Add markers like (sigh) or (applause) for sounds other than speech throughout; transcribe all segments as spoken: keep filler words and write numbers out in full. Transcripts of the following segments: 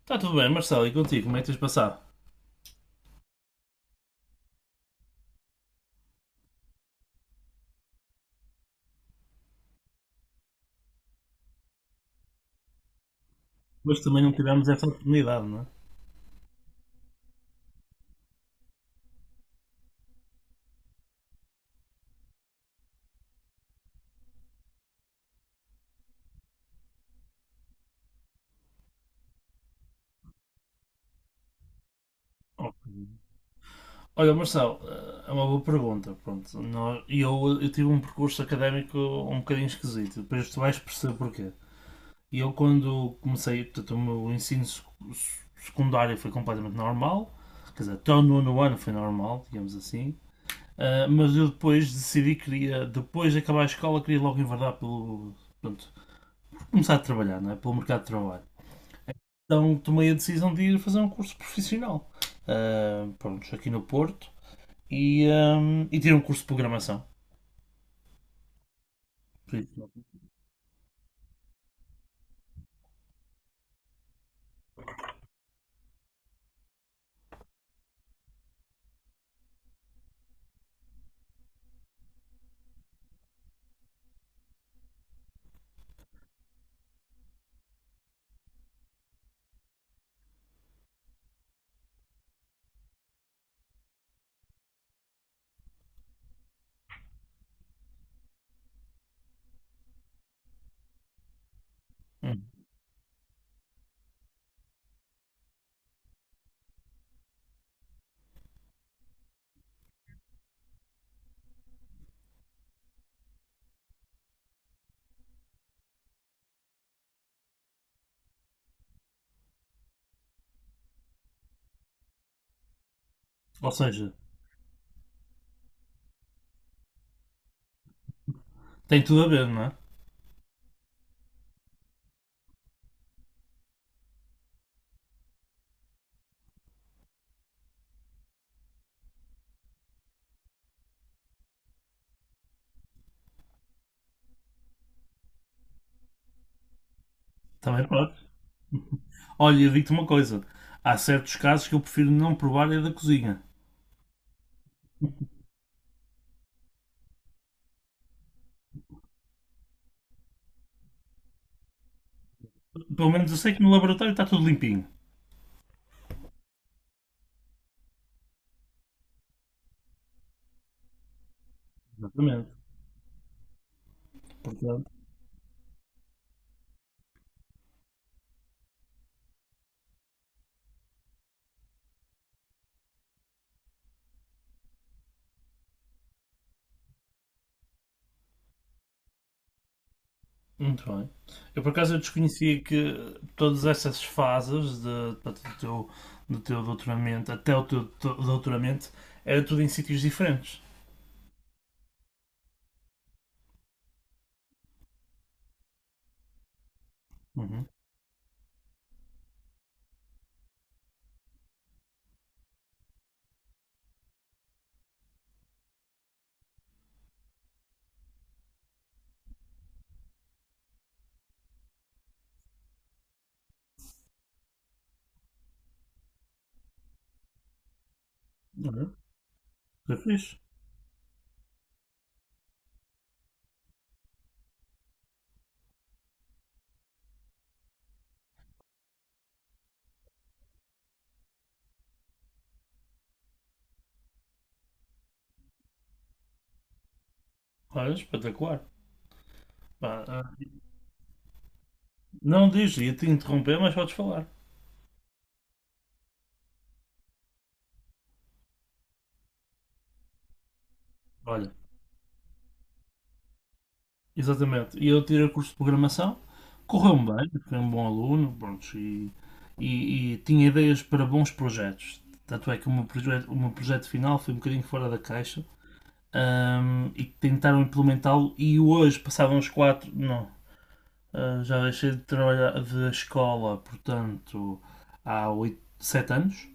Está tudo bem, Marcelo, e contigo? Como é que tens passado? Hoje também não tivemos essa oportunidade, não é? Ok. Olha, Marcelo, eh, é uma boa pergunta. Pronto, Nó- e eu, eu tive um percurso académico um bocadinho esquisito, depois tu vais perceber porquê. E eu, quando comecei, portanto, o meu ensino sec- secundário foi completamente normal, quer dizer, até o nono ano foi normal, digamos assim, eh, mas eu depois decidi que queria, depois de acabar a escola, queria logo enverdar pelo. Pronto, começar a trabalhar, não é? Pelo mercado de trabalho. Então tomei a decisão de ir fazer um curso profissional. Ah, pronto, aqui no Porto. E, ah, e tirei um curso de programação. Hum. Ou seja, tem tudo a ver, não é? Também pode. Olha, eu digo-te uma coisa. Há certos casos que eu prefiro não provar é da cozinha. Pelo menos eu sei que no laboratório está tudo limpinho. Exatamente. Portanto, muito bem. Eu por acaso eu desconhecia que todas essas fases de, do, teu, do teu doutoramento até o teu doutoramento era tudo em sítios diferentes. Uhum. Olha, que fixe. Olha, espetacular. Pá, ah, não diz, ia-te interromper, mas podes falar. Olha, exatamente. E eu tirei o curso de programação, correu-me bem, fui um bom aluno, pronto, e, e, e tinha ideias para bons projetos. Tanto é que o meu projeto, o meu projeto final foi um bocadinho fora da caixa, ahm, e tentaram implementá-lo, e hoje, passavam os quatro, não, ah, já deixei de trabalhar da escola, portanto, há oito, sete anos.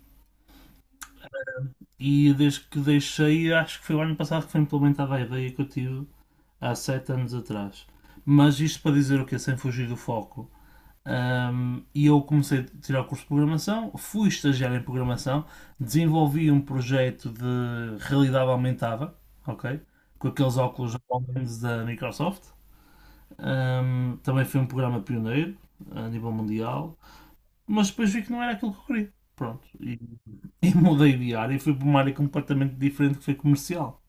E desde que deixei, acho que foi o ano passado que foi implementada a ideia que eu tive há sete anos atrás. Mas isto para dizer o que Sem fugir do foco. Um, e eu comecei a tirar o curso de programação, fui estagiário em programação, desenvolvi um projeto de realidade aumentada, ok? Com aqueles óculos da Microsoft. Um, também foi um programa pioneiro a nível mundial. Mas depois vi que não era aquilo que eu queria. Pronto. E, (laughs) e mudei de área e fui para uma área completamente diferente que foi comercial.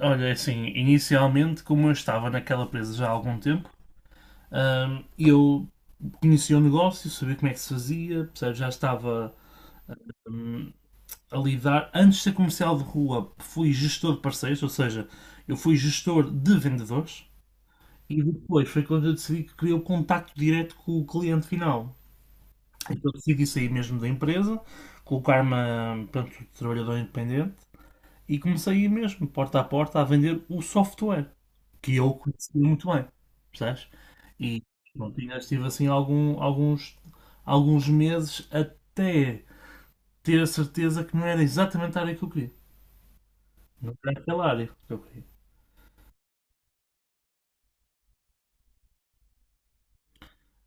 Olha, é assim, inicialmente, como eu estava naquela empresa já há algum tempo, hum, eu conhecia o negócio, sabia como é que se fazia, percebes? Já estava hum, a lidar. Antes de ser comercial de rua, fui gestor de parceiros, ou seja, eu fui gestor de vendedores. E depois foi quando eu decidi que queria o contacto direto com o cliente final. Então decidi sair mesmo da empresa, colocar-me pronto, trabalhador independente e comecei a ir mesmo, porta a porta, a vender o software, que eu conhecia muito bem, percebes? E pronto, ainda estive assim algum- alguns, alguns meses até ter a certeza que não era exatamente a área que eu queria. Não era aquela área que eu queria.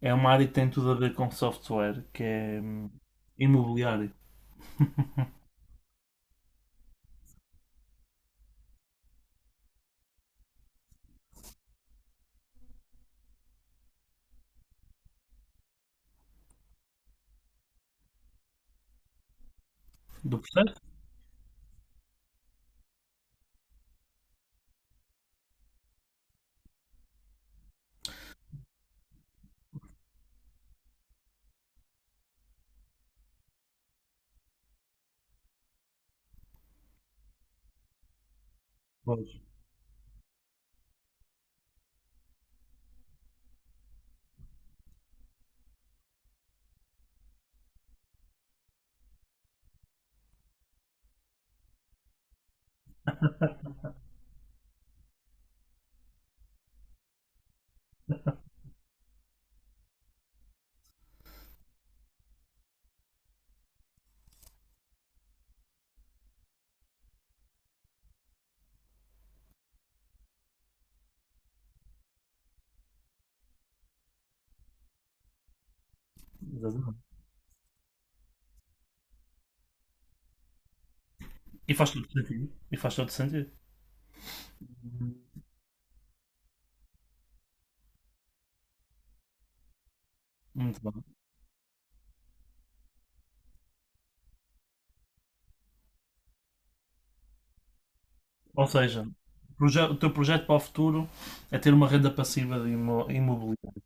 É uma área que tem tudo a ver com software, que é hum, imobiliário. Do processo? Pois, exatamente. E faz todo sentido. E faz todo sentido. Muito bem. Ou seja, o proje- o teu projeto para o futuro é ter uma renda passiva de imo- imobiliária.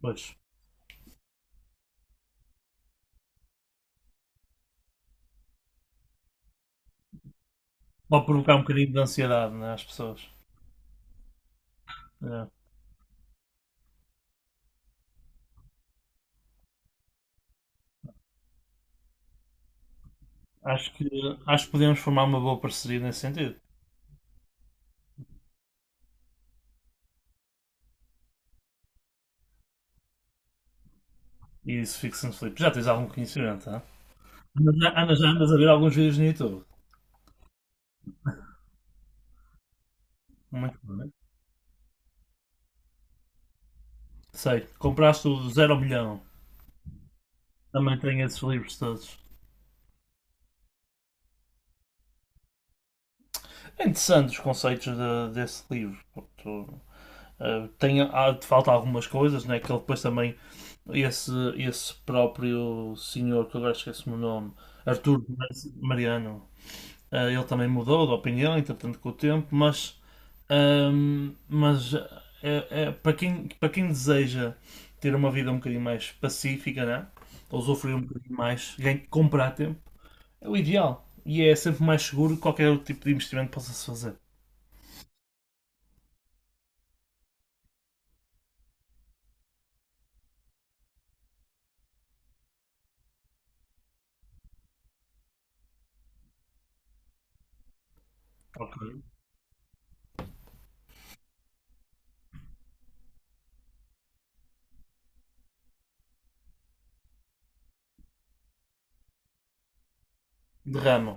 Pois. Pode provocar um bocadinho de ansiedade, né, às pessoas. É. Acho que, acho que podemos formar uma boa parceria nesse sentido. E isso fica-se no Filipe. Já tens algum conhecimento, tá? Ana, já Ana, já andas a ver alguns vídeos no YouTube. Muito bem. Sei. Compraste o Zero ao Milhão. Também tenho esses livros todos. É interessante os conceitos de- desse livro. Portanto, eh, tem, há, falta algumas coisas, né, que ele depois também esse, esse próprio senhor, que agora esqueço o nome, Artur Mariano, eh, ele também mudou de opinião, entretanto, com o tempo, mas, ahm, mas eh, eh, para, quem, para quem deseja ter uma vida um bocadinho mais pacífica, né? Ou usufruir um bocadinho mais, ganhar- comprar a tempo, é o ideal. E é sempre mais seguro que qualquer outro tipo de investimento possa-se fazer. Ok. Derrama.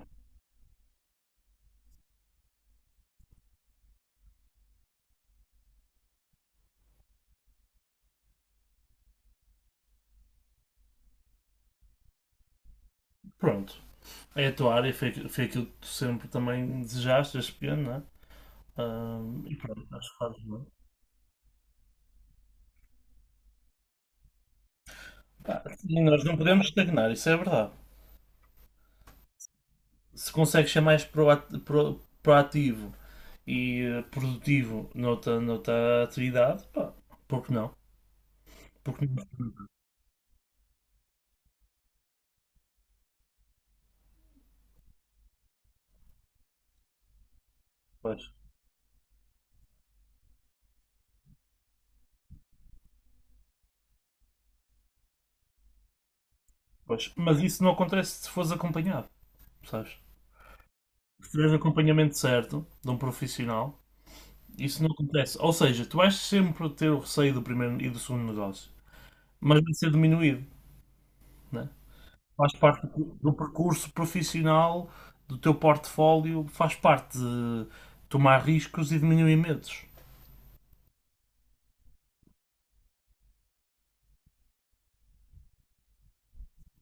Pronto. É a tua área, foi, foi aquilo que tu sempre também desejaste, este piano, não é? Ahm, e pronto, acho que fazes bem. Pá, sim, nós não podemos estagnar, isso é verdade. Se consegues ser mais proat- pro- proativo e eh, produtivo noutra, noutra atividade, pá, por que não? Por que não? Pois, pois. Mas isso não acontece se fores acompanhado, sabes? Se tiveres acompanhamento certo de um profissional, isso não acontece. Ou seja, tu vais sempre ter o receio do primeiro e do segundo negócio, mas vai ser diminuído, né? Faz parte do, do percurso profissional do teu portfólio, faz parte de tomar riscos e diminuir medos.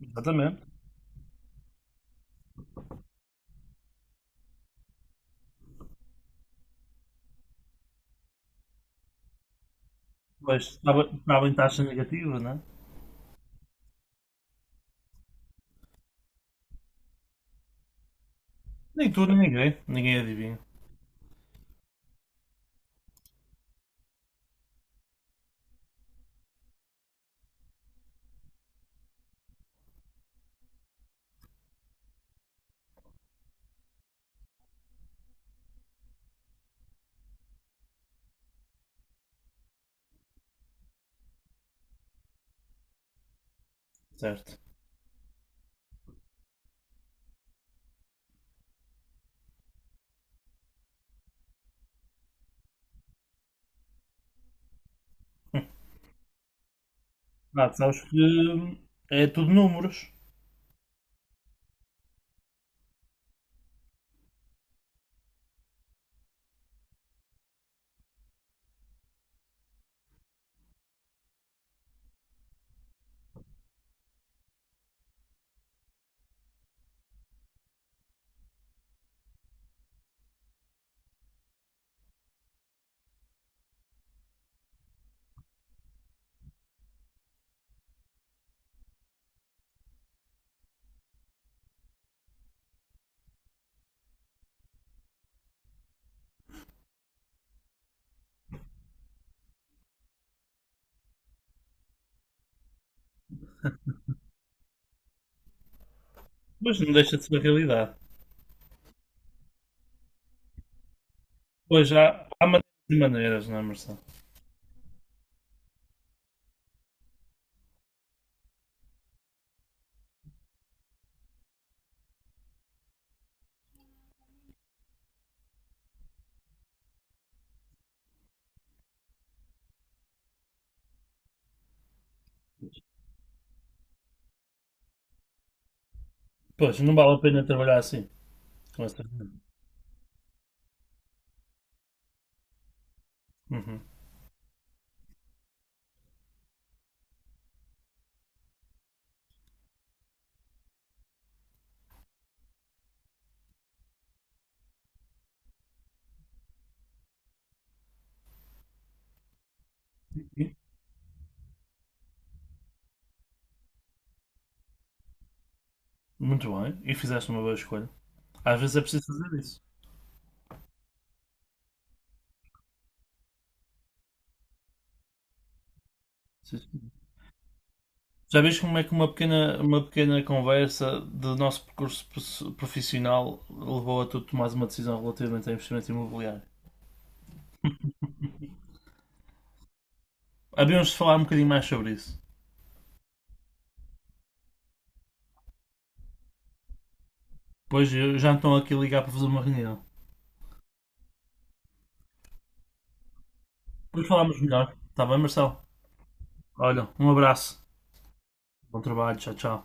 Exatamente. Pois estava, estava em taxa negativa, não é? Nem tu, nem ninguém. Ninguém adivinha, certo? (laughs) Ah, tu sabes que hum, é tudo números. Pois não deixa de ser a realidade. Pois há, há maneiras e maneiras, não é, Marcelo? Pois, não vale a pena trabalhar assim, com essa gente. Uhum. E- Muito bem. E fizeste uma boa escolha. Às vezes é preciso fazer isso. Sim, sim. Já vês como é que uma pequena, uma pequena conversa do nosso percurso pro- profissional levou a tu tomares uma decisão relativamente a investimento imobiliário? Havíamos de falar um bocadinho mais sobre isso. Pois eu já estão aqui a ligar para fazer uma reunião. Depois falamos melhor. Está bem, Marcelo? Olha, um abraço. Bom trabalho. Tchau, tchau.